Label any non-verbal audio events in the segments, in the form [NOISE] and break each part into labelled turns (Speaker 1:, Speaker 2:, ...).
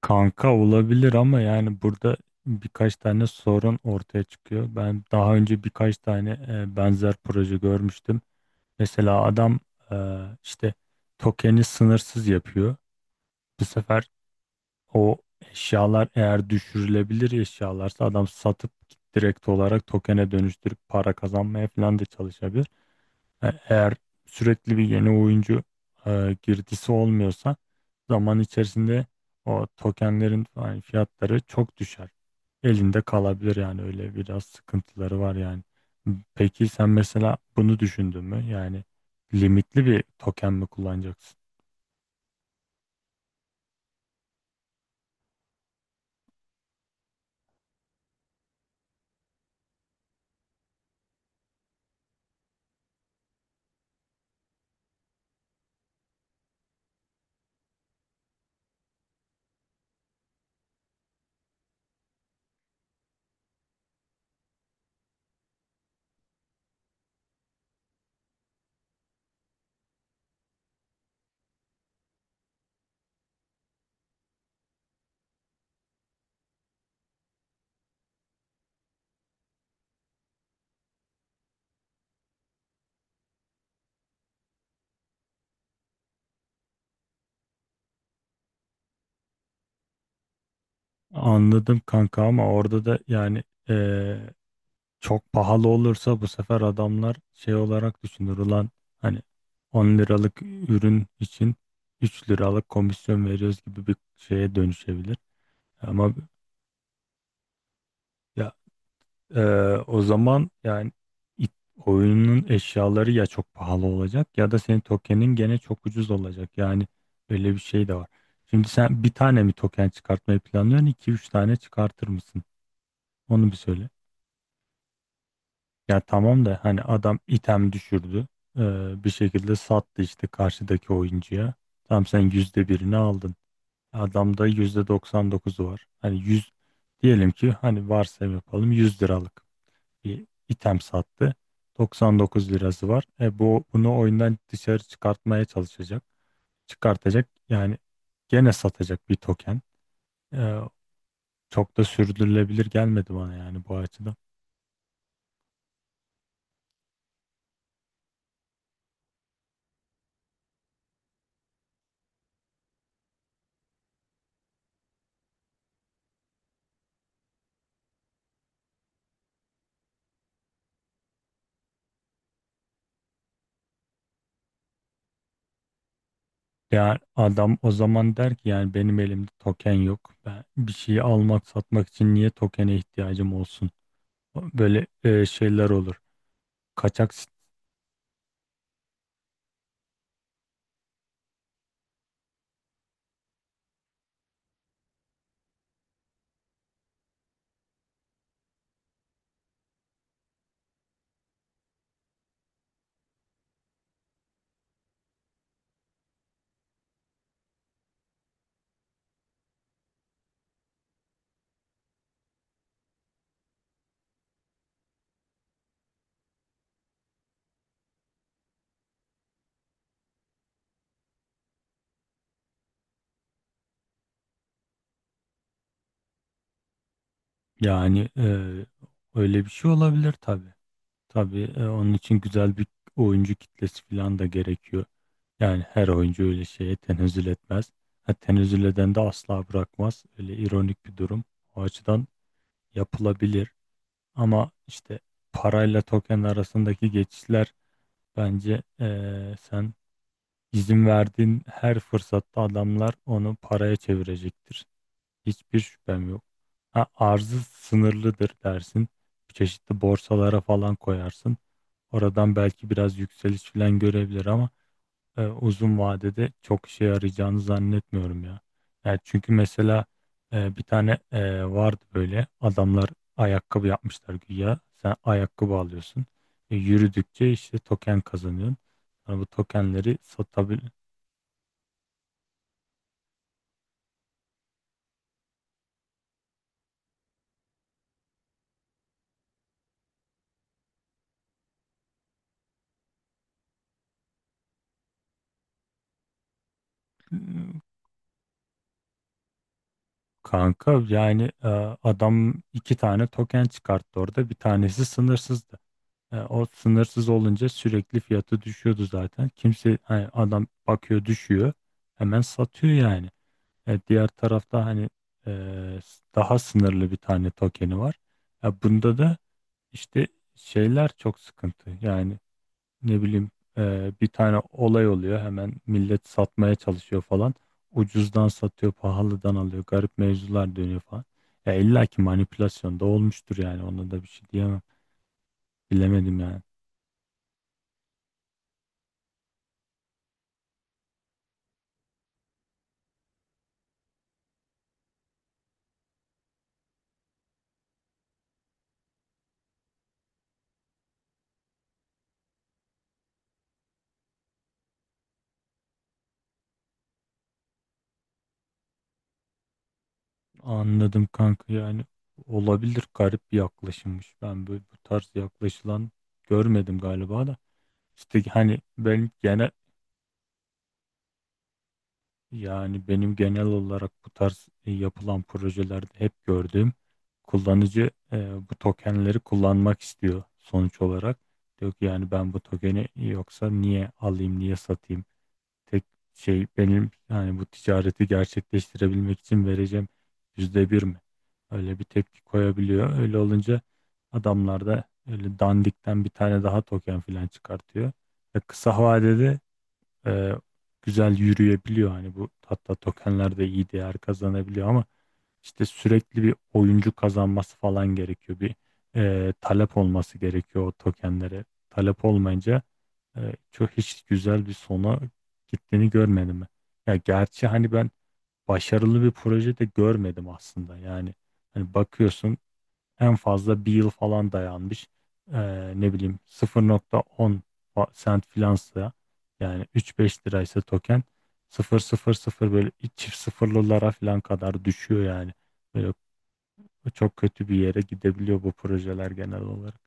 Speaker 1: Kanka olabilir ama yani burada birkaç tane sorun ortaya çıkıyor. Ben daha önce birkaç tane benzer proje görmüştüm. Mesela adam e, işte tokeni sınırsız yapıyor. Bu sefer o eşyalar eğer düşürülebilir eşyalarsa adam satıp direkt olarak tokene dönüştürüp para kazanmaya falan da çalışabilir. Eğer sürekli bir yeni oyuncu girdisi olmuyorsa zaman içerisinde o tokenlerin falan fiyatları çok düşer. Elinde kalabilir yani öyle biraz sıkıntıları var yani. Peki sen mesela bunu düşündün mü? Yani limitli bir token mi kullanacaksın? Anladım kanka ama orada da yani e, çok pahalı olursa bu sefer adamlar şey olarak düşünür ulan hani 10 liralık ürün için 3 liralık komisyon veriyoruz gibi bir şeye dönüşebilir. Ama ya e, o zaman yani it- oyunun eşyaları ya çok pahalı olacak ya da senin tokenin gene çok ucuz olacak. Yani öyle bir şey de var. Şimdi sen bir tane mi token çıkartmayı planlıyorsun? İki üç tane çıkartır mısın? Onu bir söyle. Ya tamam da hani adam item düşürdü. Bir şekilde sattı işte karşıdaki oyuncuya. Tamam sen yüzde birini aldın. Adamda yüzde 99'u var. Hani 100 diyelim ki hani varsayım yapalım 100 liralık bir item sattı. 99 lirası var. E bu bunu oyundan dışarı çıkartmaya çalışacak. Çıkartacak yani gene satacak bir token. Ee, Çok da sürdürülebilir gelmedi bana yani bu açıdan. Yani adam o zaman der ki yani benim elimde token yok. Ben bir şeyi almak satmak için niye tokene ihtiyacım olsun? Böyle şeyler olur. Kaçak sit- Yani öyle bir şey olabilir tabii. Tabii onun için güzel bir oyuncu kitlesi falan da gerekiyor. Yani her oyuncu öyle şeye tenezzül etmez. Ha, tenezzül eden de asla bırakmaz. Öyle ironik bir durum. O açıdan yapılabilir. Ama işte parayla token arasındaki geçişler, bence sen izin verdiğin her fırsatta adamlar onu paraya çevirecektir. Hiçbir şüphem yok. Ha, arzı sınırlıdır dersin. Çeşitli borsalara falan koyarsın. Oradan belki biraz yükseliş falan görebilir ama uzun vadede çok işe yarayacağını zannetmiyorum ya. Yani çünkü mesela bir tane vardı böyle, adamlar ayakkabı yapmışlar güya. Sen ayakkabı alıyorsun. Yürüdükçe işte token kazanıyorsun. Sonra bu tokenleri satabil kanka yani adam iki tane token çıkarttı orada. Bir tanesi sınırsızdı. O sınırsız olunca sürekli fiyatı düşüyordu zaten. Kimse hani adam bakıyor düşüyor. Hemen satıyor yani. Diğer tarafta hani daha sınırlı bir tane tokeni var. Ya bunda da işte şeyler çok sıkıntı. Yani ne bileyim, bir tane olay oluyor hemen millet satmaya çalışıyor falan. Ucuzdan satıyor, pahalıdan alıyor. Garip mevzular dönüyor falan. Ya illa ki manipülasyon da olmuştur yani, ona da bir şey diyemem. Bilemedim yani. Anladım kanka, yani olabilir, garip bir yaklaşımmış. Ben böyle bu tarz yaklaşılan görmedim galiba da. İşte hani benim genel, yani benim genel olarak bu tarz yapılan projelerde hep gördüğüm, kullanıcı bu tokenleri kullanmak istiyor sonuç olarak. Diyor ki yani ben bu tokeni yoksa niye alayım, niye satayım? Tek şey benim yani bu ticareti gerçekleştirebilmek için vereceğim yüzde bir mi? Öyle bir tepki koyabiliyor. Öyle olunca adamlar da öyle dandikten bir tane daha token falan çıkartıyor. Ve kısa vadede e, güzel yürüyebiliyor. Hani bu hatta tokenler de iyi değer kazanabiliyor ama işte sürekli bir oyuncu kazanması falan gerekiyor. Bir talep olması gerekiyor o tokenlere. Talep olmayınca çok, hiç güzel bir sona gittiğini görmedim ben. Ya gerçi hani ben başarılı bir proje de görmedim aslında. Yani hani bakıyorsun, en fazla 1 yıl falan dayanmış. Ne bileyim, 0.10 sent filansa, yani 3-5 liraysa token 0.00 böyle çift sıfırlılara falan kadar düşüyor yani. Böyle çok kötü bir yere gidebiliyor bu projeler genel olarak.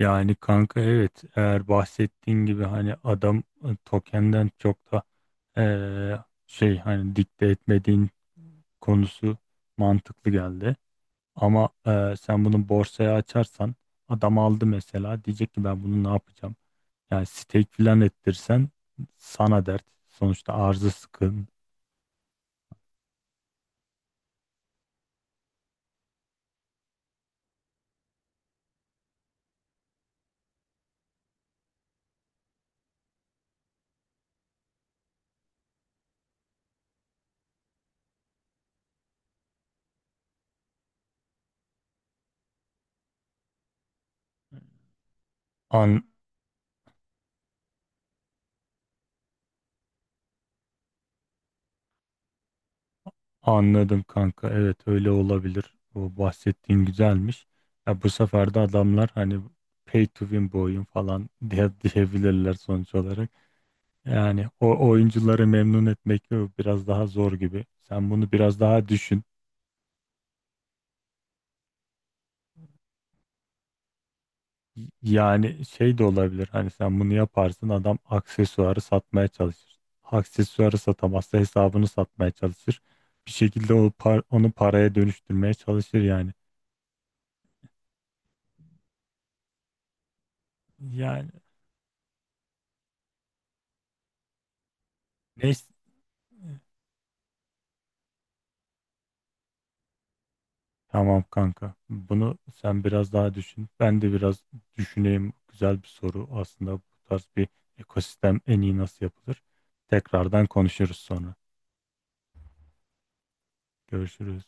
Speaker 1: Yani kanka evet, eğer bahsettiğin gibi hani adam tokenden çok da e, şey, hani dikte etmediğin konusu mantıklı geldi. Ama sen bunu borsaya açarsan adam aldı mesela, diyecek ki ben bunu ne yapacağım? Yani stake filan ettirsen sana dert. Sonuçta arzı sıkın. An, anladım kanka. Evet öyle olabilir. O bahsettiğin güzelmiş. Ya bu sefer de adamlar hani pay to win bu oyun falan [LAUGHS] diye diyebilirler sonuç olarak. Yani o oyuncuları memnun etmek biraz daha zor gibi. Sen bunu biraz daha düşün. Yani şey de olabilir hani, sen bunu yaparsın adam aksesuarı satmaya çalışır. Aksesuarı satamazsa hesabını satmaya çalışır. Bir şekilde o onu paraya dönüştürmeye çalışır yani. Yani neyse, tamam kanka, bunu sen biraz daha düşün. Ben de biraz düşüneyim, güzel bir soru aslında bu tarz bir ekosistem en iyi nasıl yapılır. Tekrardan konuşuruz sonra. Görüşürüz.